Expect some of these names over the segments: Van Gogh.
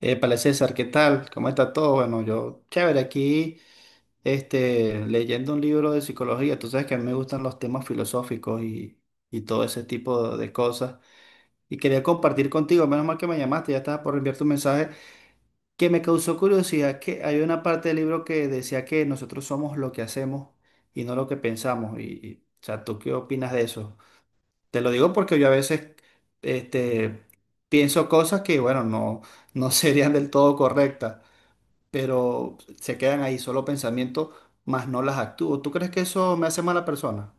Épale, César, ¿qué tal? ¿Cómo está todo? Bueno, yo, chévere, aquí leyendo un libro de psicología. Tú sabes que a mí me gustan los temas filosóficos y todo ese tipo de cosas. Y quería compartir contigo, menos mal que me llamaste, ya estaba por enviar tu mensaje, que me causó curiosidad que hay una parte del libro que decía que nosotros somos lo que hacemos y no lo que pensamos. O sea, ¿tú qué opinas de eso? Te lo digo porque yo a veces este, pienso cosas que, bueno, no serían del todo correctas, pero se quedan ahí solo pensamientos, más no las actúo. ¿Tú crees que eso me hace mala persona?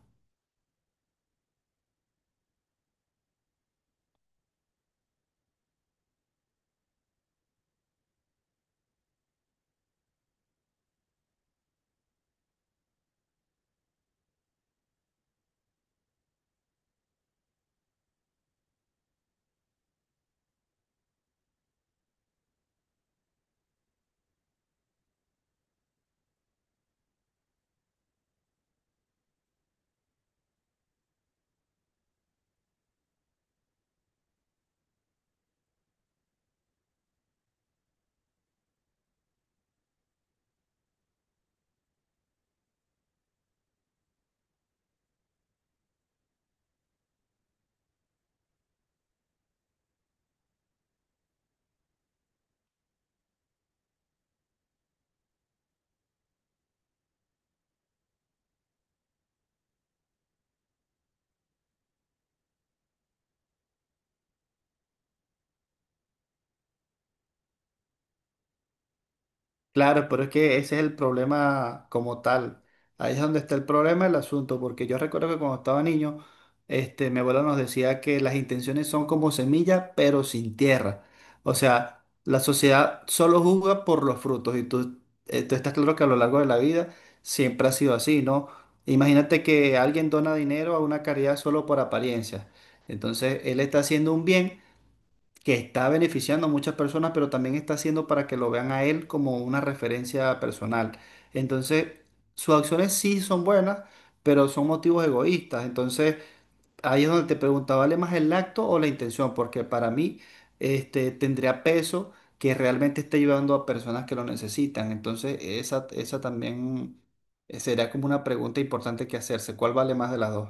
Claro, pero es que ese es el problema como tal. Ahí es donde está el problema del asunto, porque yo recuerdo que cuando estaba niño, mi abuelo nos decía que las intenciones son como semilla, pero sin tierra. O sea, la sociedad solo juzga por los frutos y tú, tú estás claro que a lo largo de la vida siempre ha sido así, ¿no? Imagínate que alguien dona dinero a una caridad solo por apariencia. Entonces, él está haciendo un bien que está beneficiando a muchas personas, pero también está haciendo para que lo vean a él como una referencia personal. Entonces, sus acciones sí son buenas, pero son motivos egoístas. Entonces, ahí es donde te pregunta, ¿vale más el acto o la intención? Porque para mí, tendría peso que realmente esté ayudando a personas que lo necesitan. Entonces, esa también sería como una pregunta importante que hacerse. ¿Cuál vale más de las dos?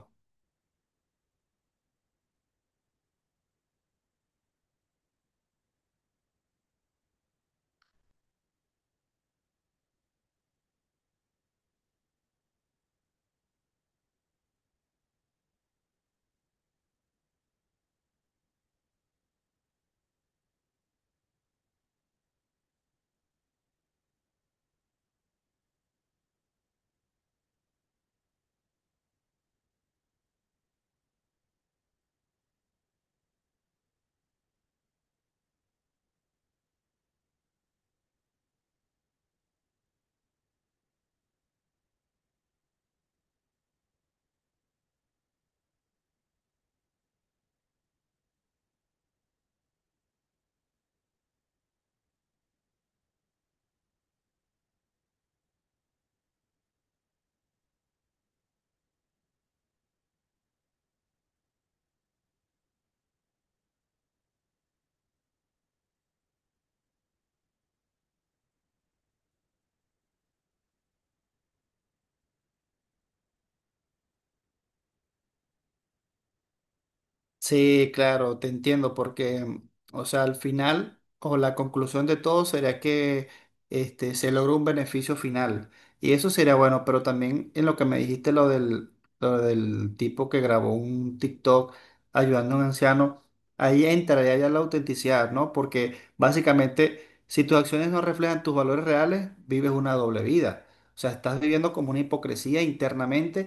Sí, claro, te entiendo, porque, o sea, al final o la conclusión de todo sería que se logra un beneficio final. Y eso sería bueno, pero también en lo que me dijiste, lo del tipo que grabó un TikTok ayudando a un anciano, ahí entraría ya la autenticidad, ¿no? Porque básicamente, si tus acciones no reflejan tus valores reales, vives una doble vida. O sea, estás viviendo como una hipocresía internamente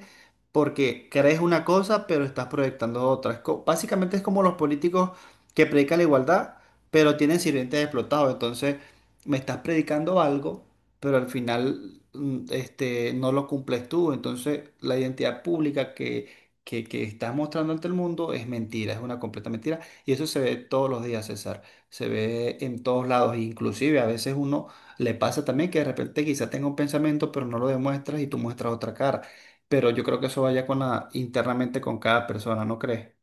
porque crees una cosa, pero estás proyectando otra. Básicamente es como los políticos que predican la igualdad, pero tienen sirvientes explotados. Entonces, me estás predicando algo, pero al final no lo cumples tú. Entonces, la identidad pública que estás mostrando ante el mundo es mentira, es una completa mentira. Y eso se ve todos los días, César. Se ve en todos lados. Inclusive a veces uno le pasa también que de repente quizás tenga un pensamiento, pero no lo demuestras y tú muestras otra cara, pero yo creo que eso vaya con la, internamente con cada persona, ¿no crees?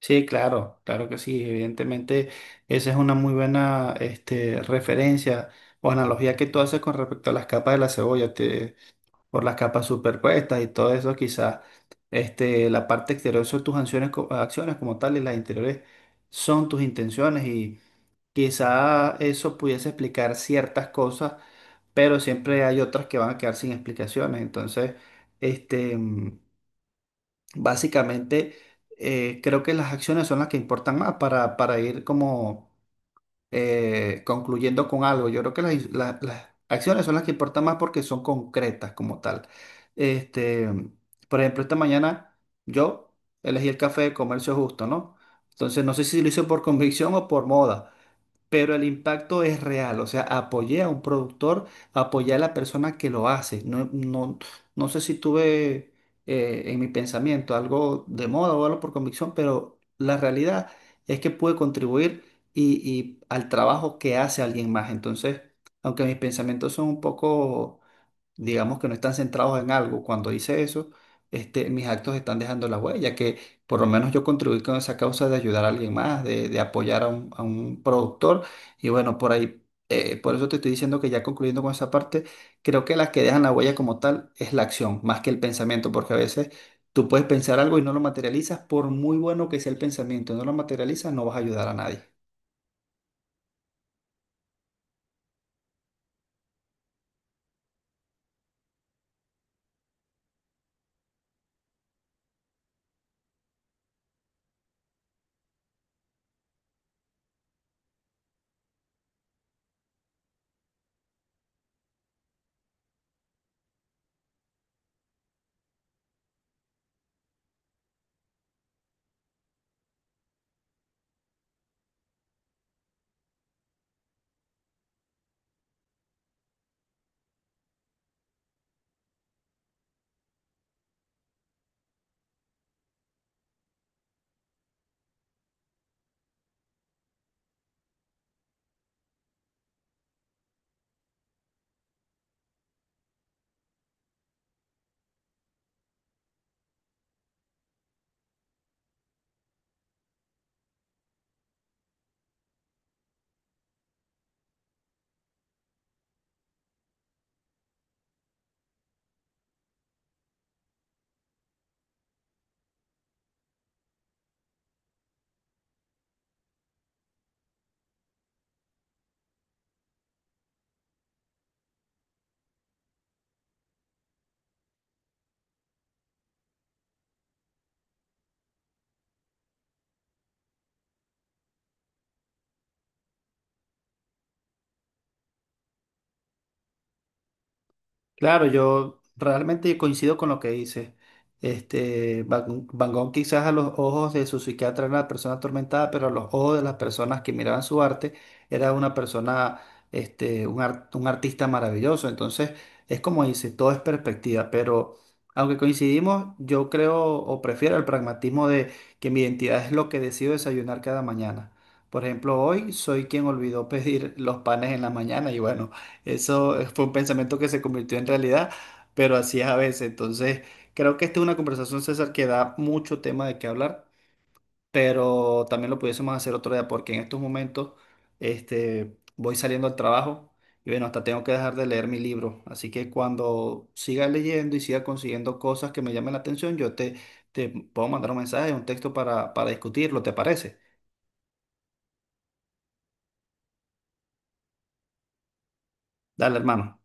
Sí, claro, claro que sí. Evidentemente, esa es una muy buena referencia o analogía que tú haces con respecto a las capas de la cebolla, por las capas superpuestas y todo eso, quizás la parte exterior son tus acciones, acciones como tal y las interiores son tus intenciones y quizás eso pudiese explicar ciertas cosas, pero siempre hay otras que van a quedar sin explicaciones. Entonces, este... mm, básicamente, creo que las acciones son las que importan más para ir como concluyendo con algo. Yo creo que las acciones son las que importan más porque son concretas como tal. Este, por ejemplo, esta mañana yo elegí el café de comercio justo, ¿no? Entonces, no sé si lo hice por convicción o por moda, pero el impacto es real. O sea, apoyé a un productor, apoyé a la persona que lo hace. No, no sé si tuve en mi pensamiento algo de moda o algo por convicción, pero la realidad es que pude contribuir y al trabajo que hace alguien más. Entonces, aunque mis pensamientos son un poco, digamos, que no están centrados en algo. Cuando hice eso, mis actos están dejando la huella, que por lo menos yo contribuí con esa causa de ayudar a alguien más, de apoyar a a un productor. Y bueno, por ahí, por eso te estoy diciendo que ya concluyendo con esa parte, creo que las que dejan la huella como tal es la acción, más que el pensamiento, porque a veces tú puedes pensar algo y no lo materializas, por muy bueno que sea el pensamiento, no lo materializas, no vas a ayudar a nadie. Claro, yo realmente coincido con lo que dices. Van Gogh quizás a los ojos de su psiquiatra era una persona atormentada, pero a los ojos de las personas que miraban su arte era una persona, un artista maravilloso. Entonces, es como dice, todo es perspectiva, pero aunque coincidimos, yo creo o prefiero el pragmatismo de que mi identidad es lo que decido desayunar cada mañana. Por ejemplo, hoy soy quien olvidó pedir los panes en la mañana y bueno. Eso fue un pensamiento que se convirtió en realidad, pero así es a veces. Entonces, creo que esta es una conversación, César, que da mucho tema de qué hablar, pero también lo pudiésemos hacer otro día, porque en estos momentos, voy saliendo al trabajo y bueno, hasta tengo que dejar de leer mi libro. Así que cuando siga leyendo y siga consiguiendo cosas que me llamen la atención, te puedo mandar un mensaje, un texto para discutirlo, ¿te parece? Dale, hermano.